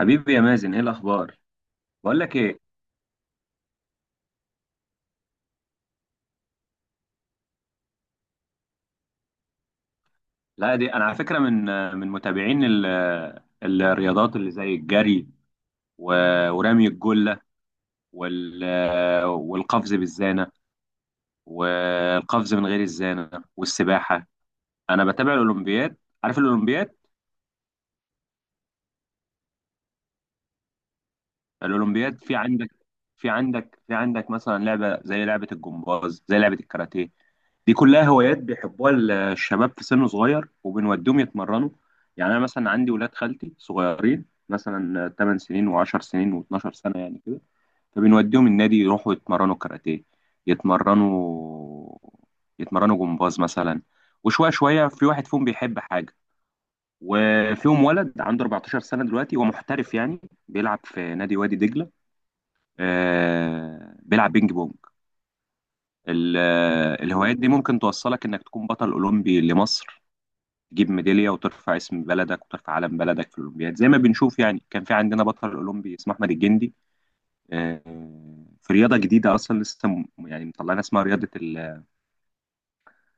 حبيبي يا مازن، ايه الاخبار؟ بقول لك ايه. لا دي انا على فكره من من متابعين ال- الرياضات اللي زي الجري ورمي الجله وال والقفز بالزانه والقفز من غير الزانه والسباحه. انا بتابع الاولمبياد، عارف الاولمبياد؟ الاولمبياد في عندك، في عندك مثلا لعبه زي لعبه الجمباز، زي لعبه الكاراتيه. دي كلها هوايات بيحبوها الشباب في سن صغير، وبنوديهم يتمرنوا. يعني انا مثلا عندي ولاد خالتي صغيرين، مثلا 8 سنين و10 سنين و12 سنه يعني كده، فبنوديهم النادي يروحوا يتمرنوا كاراتيه، يتمرنوا يتمرنوا جمباز مثلا. وشويه شويه في واحد فيهم بيحب حاجه، وفيهم ولد عنده 14 سنه دلوقتي هو محترف يعني، بيلعب في نادي وادي دجله. بيلعب بينج بونج. الهوايات دي ممكن توصلك انك تكون بطل اولمبي لمصر، تجيب ميداليه وترفع اسم بلدك وترفع علم بلدك في الاولمبياد، زي ما بنشوف. يعني كان في عندنا بطل اولمبي اسمه احمد الجندي. آه، في رياضه جديده اصلا، لسه يعني مطلعنا، اسمها رياضه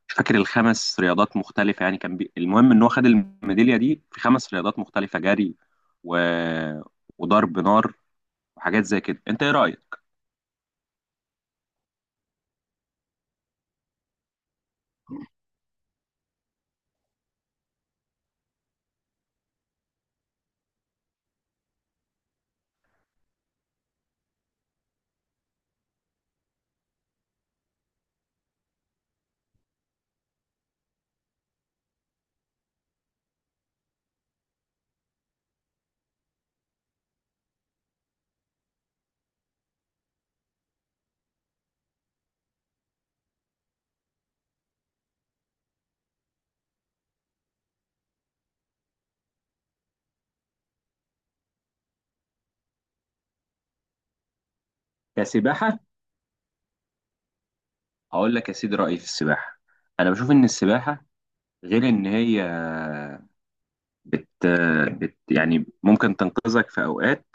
مش فاكر، الخمس رياضات مختلفه. يعني كان المهم ان هو خد الميداليه دي في خمس رياضات مختلفه: جري و... وضرب نار وحاجات زي كده. انت ايه رايك؟ كسباحه؟ هقول لك يا سيدي رأيي في السباحة. أنا بشوف إن السباحة، غير إن هي بت... بت يعني ممكن تنقذك في أوقات،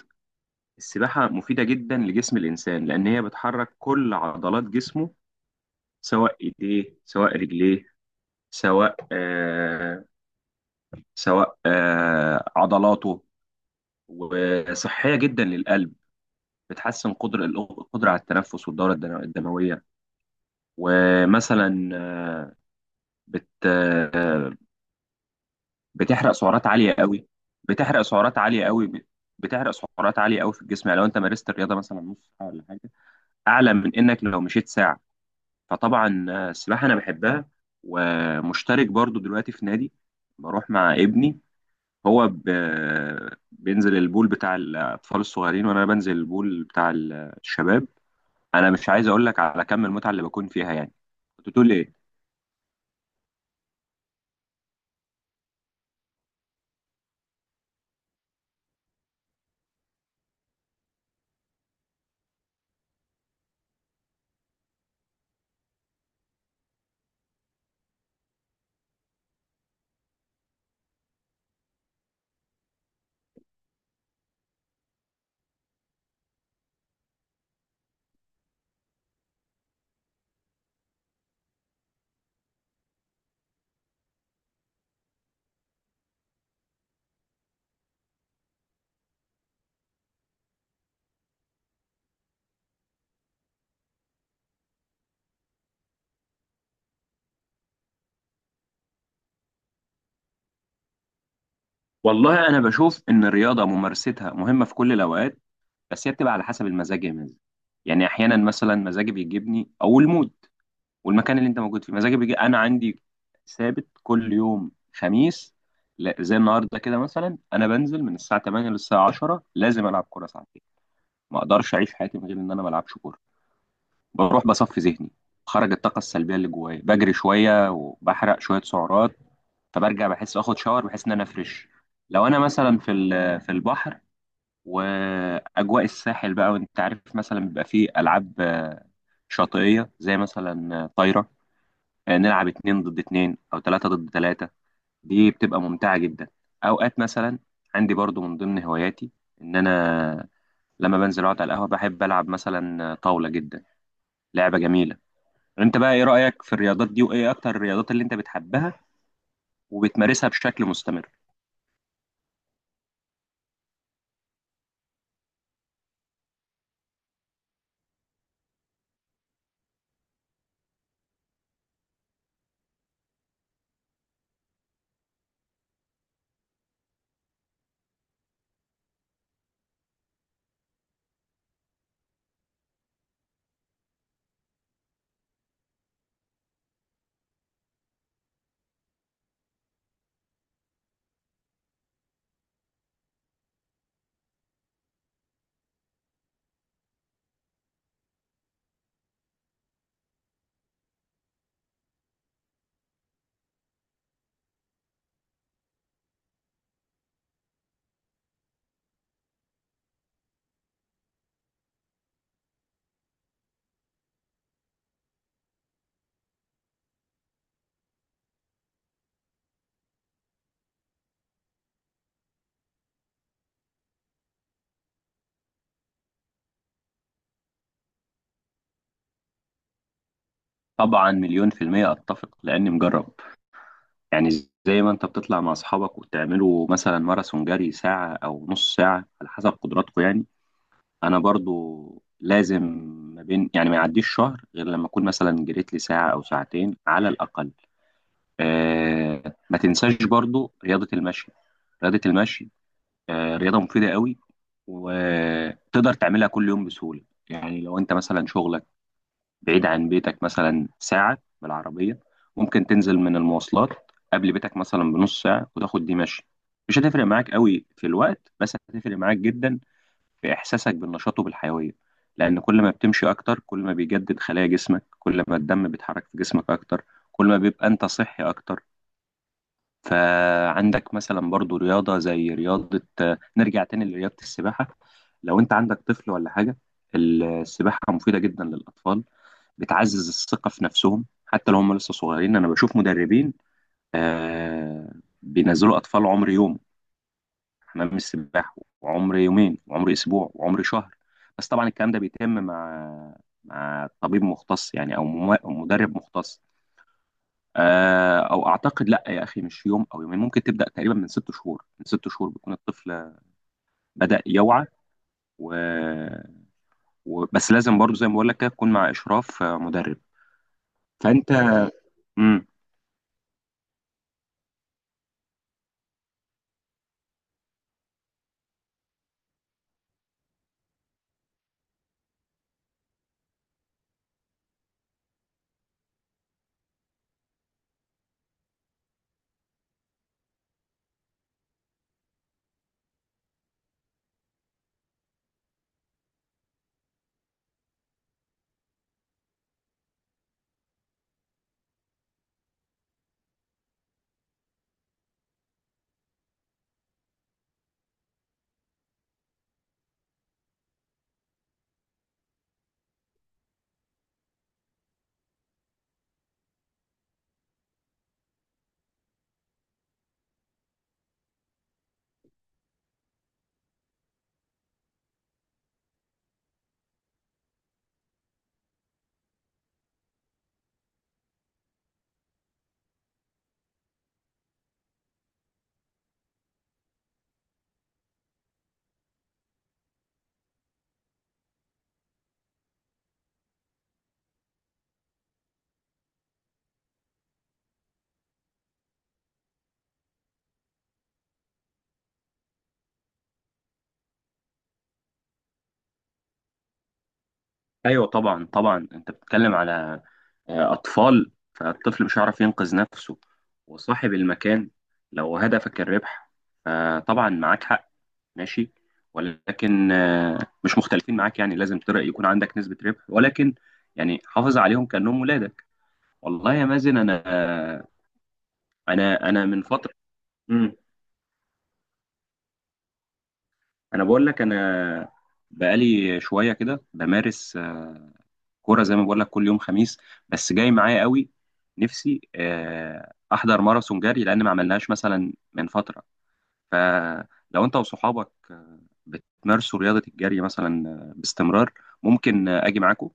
السباحة مفيدة جدا لجسم الإنسان لأن هي بتحرك كل عضلات جسمه، سواء إيديه سواء رجليه، سواء آه سواء عضلاته. وصحية جدا للقلب، بتحسن قدر القدرة على التنفس والدورة الدموية. ومثلا آه، بت آه، بتحرق سعرات عاليه قوي. بتحرق سعرات عاليه قوي ب- بتحرق سعرات عاليه قوي في الجسم. يعني لو انت مارست الرياضه مثلا نص ساعه ولا حاجه، اعلى من انك لو مشيت ساعه. فطبعا السباحه انا بحبها، ومشترك برضو دلوقتي في نادي، بروح مع ابني. هو ب... بينزل البول بتاع الاطفال الصغيرين وانا بنزل البول بتاع الشباب. انا مش عايز اقول لك على كم المتعه اللي بكون فيها يعني. كنت تقول ايه؟ والله انا بشوف ان الرياضه ممارستها مهمه في كل الاوقات، بس هي بتبقى على حسب المزاج يا مازن. يعني احيانا مثلا مزاجي بيجيبني، او المود والمكان اللي انت موجود فيه، مزاجي بيجي. انا عندي ثابت كل يوم خميس، لا زي النهارده كده مثلا، انا بنزل من الساعه 8 للساعه 10 لازم العب كوره ساعتين. ما اقدرش اعيش حياتي من غير ان انا ما العبش كوره. بروح بصفي ذهني، خرج الطاقه السلبيه اللي جوايا، بجري شويه وبحرق شويه سعرات، فبرجع بحس، اخد شاور بحس ان انا فريش. لو انا مثلا في في البحر واجواء الساحل بقى، وانت عارف مثلا بيبقى فيه العاب شاطئيه، زي مثلا طايره. نلعب اتنين ضد اتنين او تلاته ضد تلاته. دي بتبقى ممتعه جدا. اوقات مثلا عندي برضو من ضمن هواياتي ان انا لما بنزل اقعد على القهوه، بحب العب مثلا طاوله، جدا لعبه جميله. انت بقى ايه رايك في الرياضات دي، وايه اكتر الرياضات اللي انت بتحبها وبتمارسها بشكل مستمر؟ طبعا مليون في المية اتفق، لاني مجرب. يعني زي ما انت بتطلع مع اصحابك وتعملوا مثلا ماراثون جري ساعة او نص ساعة على حسب قدراتكم، يعني انا برضو لازم، ما بين يعني ما يعديش شهر غير لما اكون مثلا جريت لي ساعة او ساعتين على الاقل. آه ما تنساش برضو رياضة المشي. رياضة المشي آه رياضة مفيدة قوي، وتقدر تعملها كل يوم بسهولة. يعني لو انت مثلا شغلك بعيد عن بيتك مثلا ساعة بالعربية، ممكن تنزل من المواصلات قبل بيتك مثلا بنص ساعة وتاخد دي مشي. مش هتفرق معاك قوي في الوقت، بس هتفرق معاك جدا في إحساسك بالنشاط وبالحيوية، لأن كل ما بتمشي أكتر كل ما بيجدد خلايا جسمك، كل ما الدم بيتحرك في جسمك أكتر كل ما بيبقى أنت صحي أكتر. فعندك مثلا برضو رياضة زي رياضة نرجع تاني لرياضة السباحة. لو انت عندك طفل ولا حاجة، السباحة مفيدة جدا للأطفال، بتعزز الثقة في نفسهم حتى لو هم لسه صغيرين. أنا بشوف مدربين آه بينزلوا أطفال عمر يوم حمام السباحة، وعمر يومين وعمر أسبوع وعمر شهر. بس طبعا الكلام ده بيتم مع طبيب مختص يعني، أو أو مدرب مختص. او اعتقد لا يا اخي، مش يوم او يومين، ممكن تبدا تقريبا من ست شهور. من ست شهور بيكون الطفل بدا يوعى، و... بس لازم برضو زي ما بقول لك كده تكون مع اشراف مدرب. فانت. مم. ايوه طبعا، طبعا انت بتتكلم على اطفال، فالطفل مش هيعرف ينقذ نفسه، وصاحب المكان لو هدفك الربح فطبعا معاك حق، ماشي. ولكن مش مختلفين معاك، يعني لازم يكون عندك نسبة ربح، ولكن يعني حافظ عليهم كأنهم ولادك. والله يا مازن انا، انا من فتره، امم انا بقول لك، انا بقالي شويه كده بمارس كوره زي ما بقول لك كل يوم خميس. بس جاي معايا قوي نفسي احضر ماراثون جري، لان ما عملناش مثلا من فتره. فلو انت وصحابك بتمارسوا رياضه الجري مثلا باستمرار، ممكن اجي معاكم.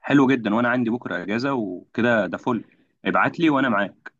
حلو جدا، وانا عندي بكره اجازه وكده، ده فل. ابعت لي وانا معاك.